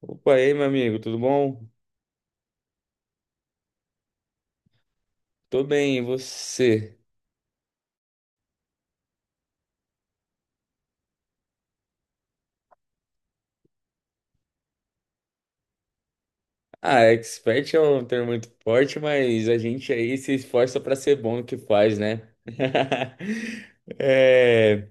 Opa, e aí, meu amigo, tudo bom? Tô bem, e você? Ah, expert é um termo muito forte, mas a gente aí se esforça pra ser bom no que faz, né? É,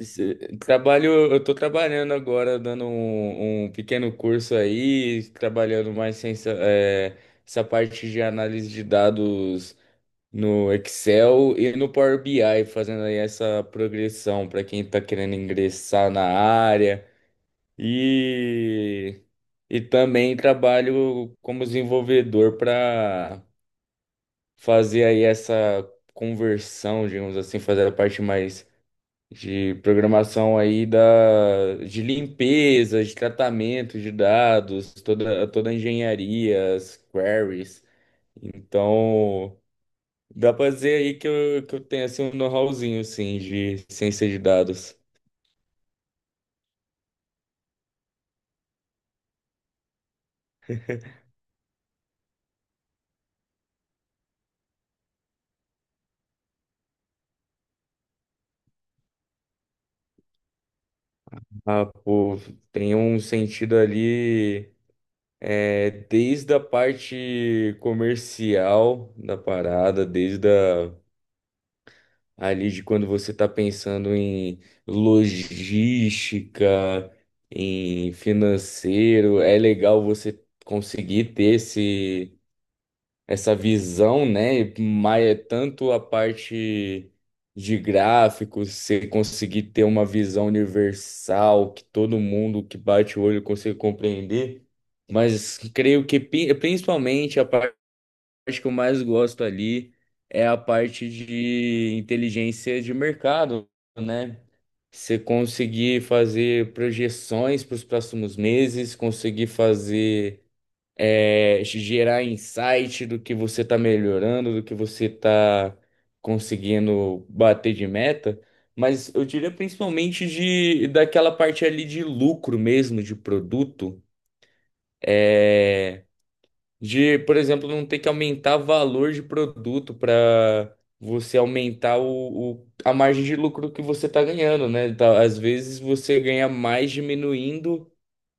Trabalho, eu tô trabalhando agora, dando um pequeno curso aí, trabalhando mais sem essa, é, essa parte de análise de dados no Excel e no Power BI, fazendo aí essa progressão pra quem tá querendo ingressar na área. E, e também trabalho como desenvolvedor para fazer aí essa conversão, digamos assim, fazer a parte mais de programação aí de limpeza, de tratamento de dados, toda a engenharia, as queries. Então, dá para dizer aí que eu tenho assim um know-howzinho assim de ciência de dados. Ah, pô, tem um sentido ali. É, desde a parte comercial da parada, ali de quando você está pensando em logística, em financeiro, é legal você conseguir ter esse essa visão, né? Mas tanto a parte de gráficos, você conseguir ter uma visão universal que todo mundo que bate o olho consegue compreender, mas creio que principalmente a parte que eu mais gosto ali é a parte de inteligência de mercado, né? Você conseguir fazer projeções para os próximos meses, conseguir fazer gerar insight do que você está melhorando, do que você está conseguindo bater de meta, mas eu diria principalmente de daquela parte ali de lucro mesmo, de produto, é, de, por exemplo, não ter que aumentar valor de produto para você aumentar a margem de lucro que você está ganhando, né? Tá, às vezes você ganha mais diminuindo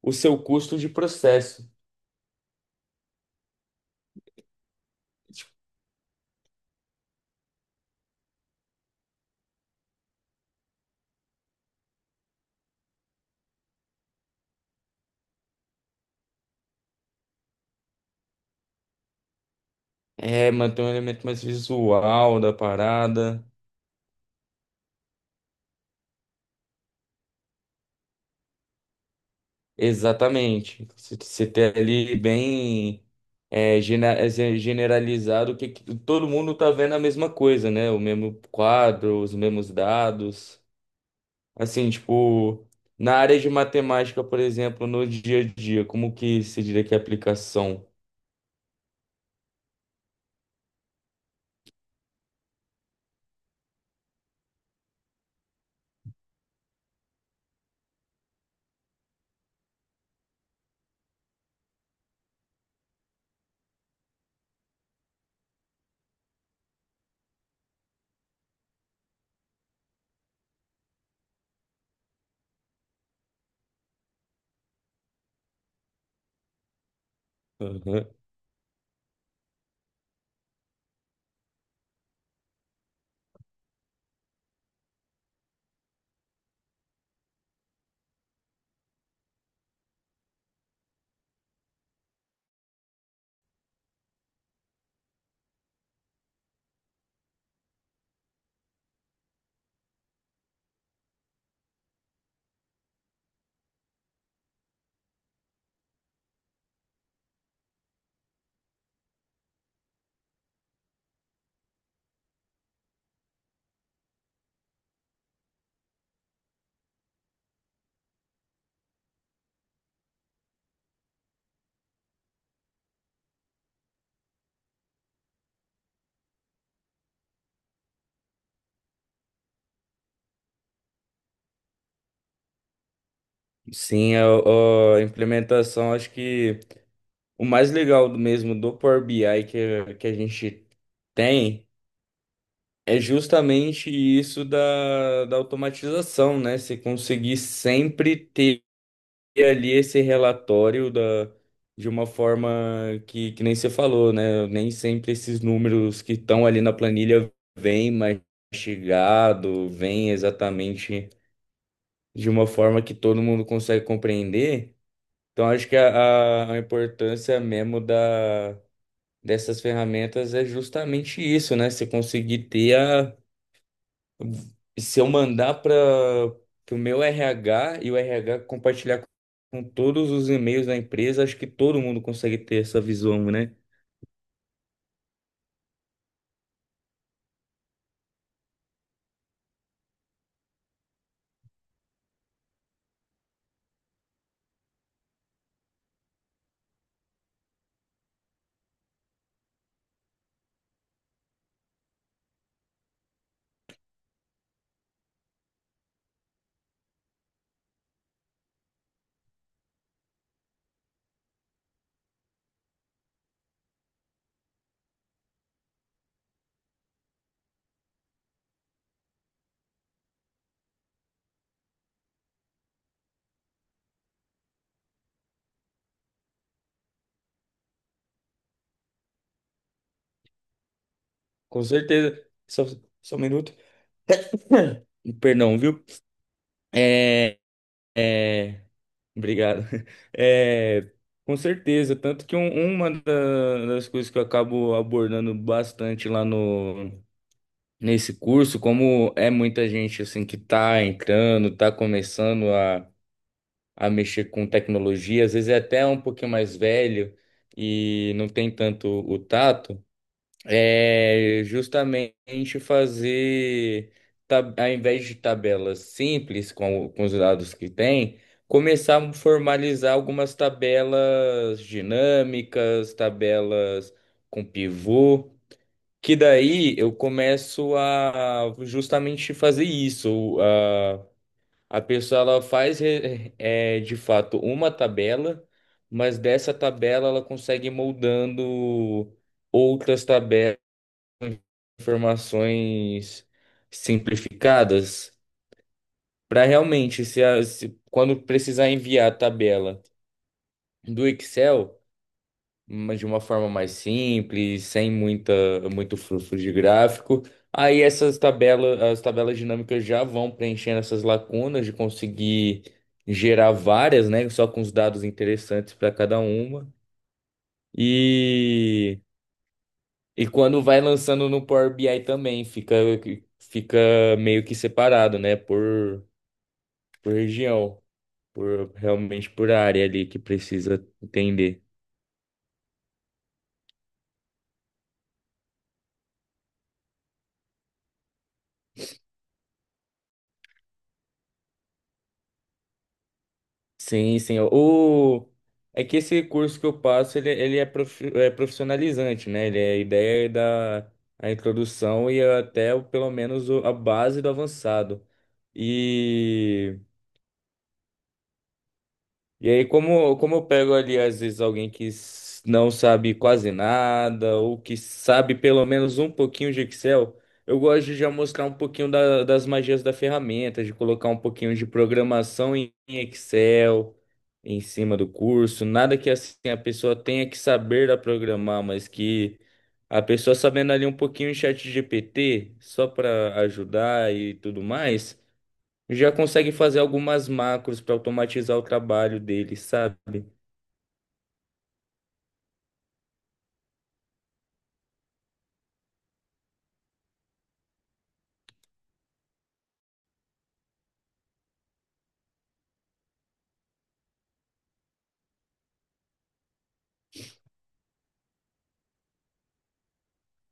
o seu custo de processo. É, manter um elemento mais visual da parada. Exatamente. Você ter ali bem generalizado que todo mundo tá vendo a mesma coisa, né? O mesmo quadro, os mesmos dados. Assim, tipo, na área de matemática, por exemplo, no dia a dia, como que se diria que é a aplicação? Aham. Sim, a implementação, acho que o mais legal do mesmo do Power BI que a gente tem. É justamente isso da automatização, né? Se conseguir sempre ter ali esse relatório de uma forma que nem você falou, né? Nem sempre esses números que estão ali na planilha vêm mastigado, vêm exatamente de uma forma que todo mundo consegue compreender. Então, acho que a importância mesmo dessas ferramentas é justamente isso, né? Você conseguir ter a. Se eu mandar para o meu RH e o RH compartilhar com todos os e-mails da empresa, acho que todo mundo consegue ter essa visão, né? Com certeza. Só um minuto. Perdão, viu? É, é, Obrigado. É, com certeza. Tanto que uma das coisas que eu acabo abordando bastante lá no, nesse curso, como é muita gente assim que tá entrando, tá começando a mexer com tecnologia, às vezes é até um pouquinho mais velho e não tem tanto o tato, é justamente fazer, ao invés de tabelas simples com, com os dados que tem, começar a formalizar algumas tabelas dinâmicas, tabelas com pivô. Que daí eu começo a justamente fazer isso, a pessoa ela faz de fato uma tabela, mas dessa tabela ela consegue ir moldando outras tabelas, informações simplificadas, para realmente, se, a- se- quando precisar enviar a tabela do Excel, mas de uma forma mais simples, sem muita, muito fluxo de gráfico. Aí essas tabelas, as tabelas dinâmicas já vão preenchendo essas lacunas de conseguir gerar várias, né? Só com os dados interessantes para cada uma. E, e quando vai lançando no Power BI também, fica, fica meio que separado, né? Por região, por realmente por área ali que precisa entender. Sim, sim. O... É que esse curso que eu passo, ele é, é profissionalizante, né? Ele é a ideia da a introdução e até pelo menos a base do avançado. E e aí, como eu pego ali, às vezes, alguém que não sabe quase nada, ou que sabe pelo menos um pouquinho de Excel, eu gosto de já mostrar um pouquinho das magias da ferramenta, de colocar um pouquinho de programação em Excel, em cima do curso. Nada que assim a pessoa tenha que saber a programar, mas que a pessoa sabendo ali um pouquinho em chat GPT, só para ajudar e tudo mais já consegue fazer algumas macros para automatizar o trabalho dele, sabe?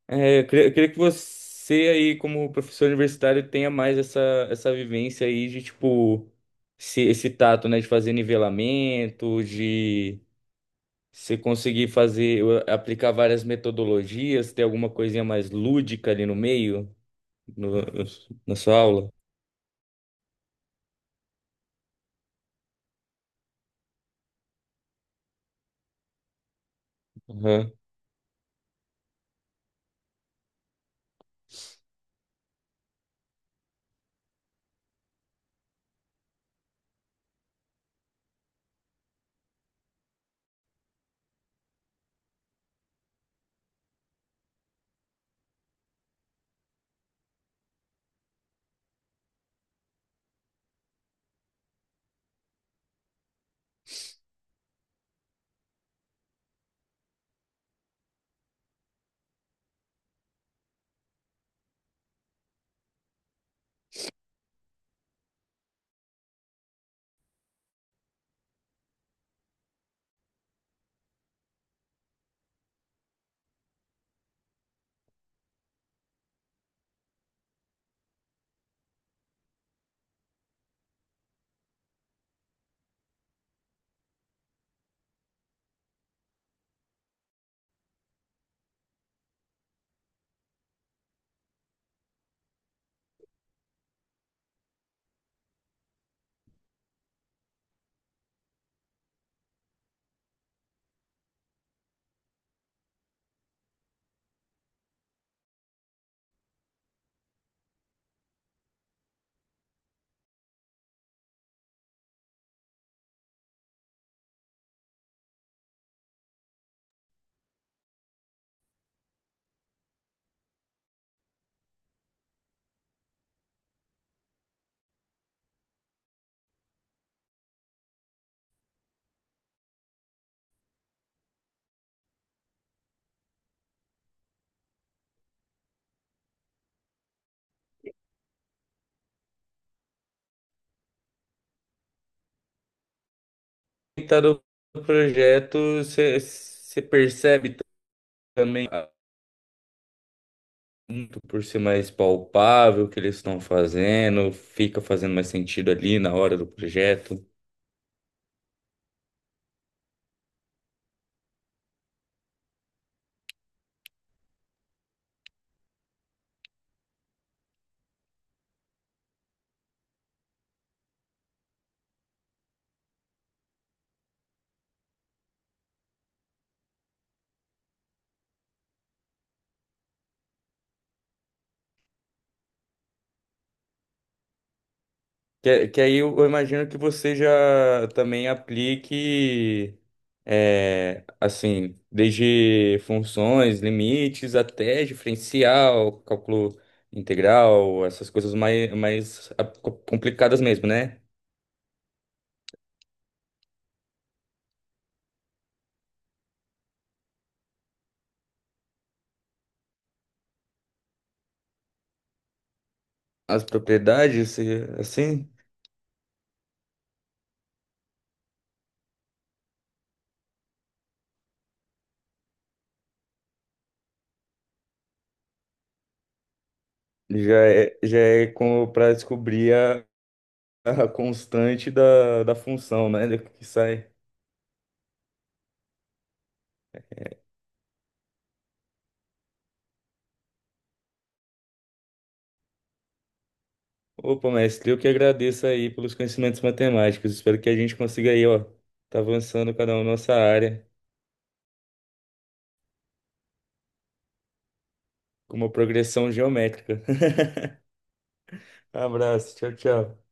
É, eu queria que você aí, como professor universitário, tenha mais essa, essa vivência aí de, tipo, esse tato, né, de fazer nivelamento, de você conseguir fazer, aplicar várias metodologias, ter alguma coisinha mais lúdica ali no meio, no- na sua aula. Uhum. Tá do projeto, você percebe também, muito por ser mais palpável o que eles estão fazendo, fica fazendo mais sentido ali na hora do projeto. Que aí eu imagino que você já também aplique, é, assim, desde funções, limites, até diferencial, cálculo integral, essas coisas mais, mais ah, complicadas mesmo, né? As propriedades, assim, já é para descobrir a constante da função, né? do Que sai. Opa, mestre, eu que agradeço aí pelos conhecimentos matemáticos. Espero que a gente consiga aí, ó, tá avançando cada um na nossa área com uma progressão geométrica. Abraço, tchau, tchau.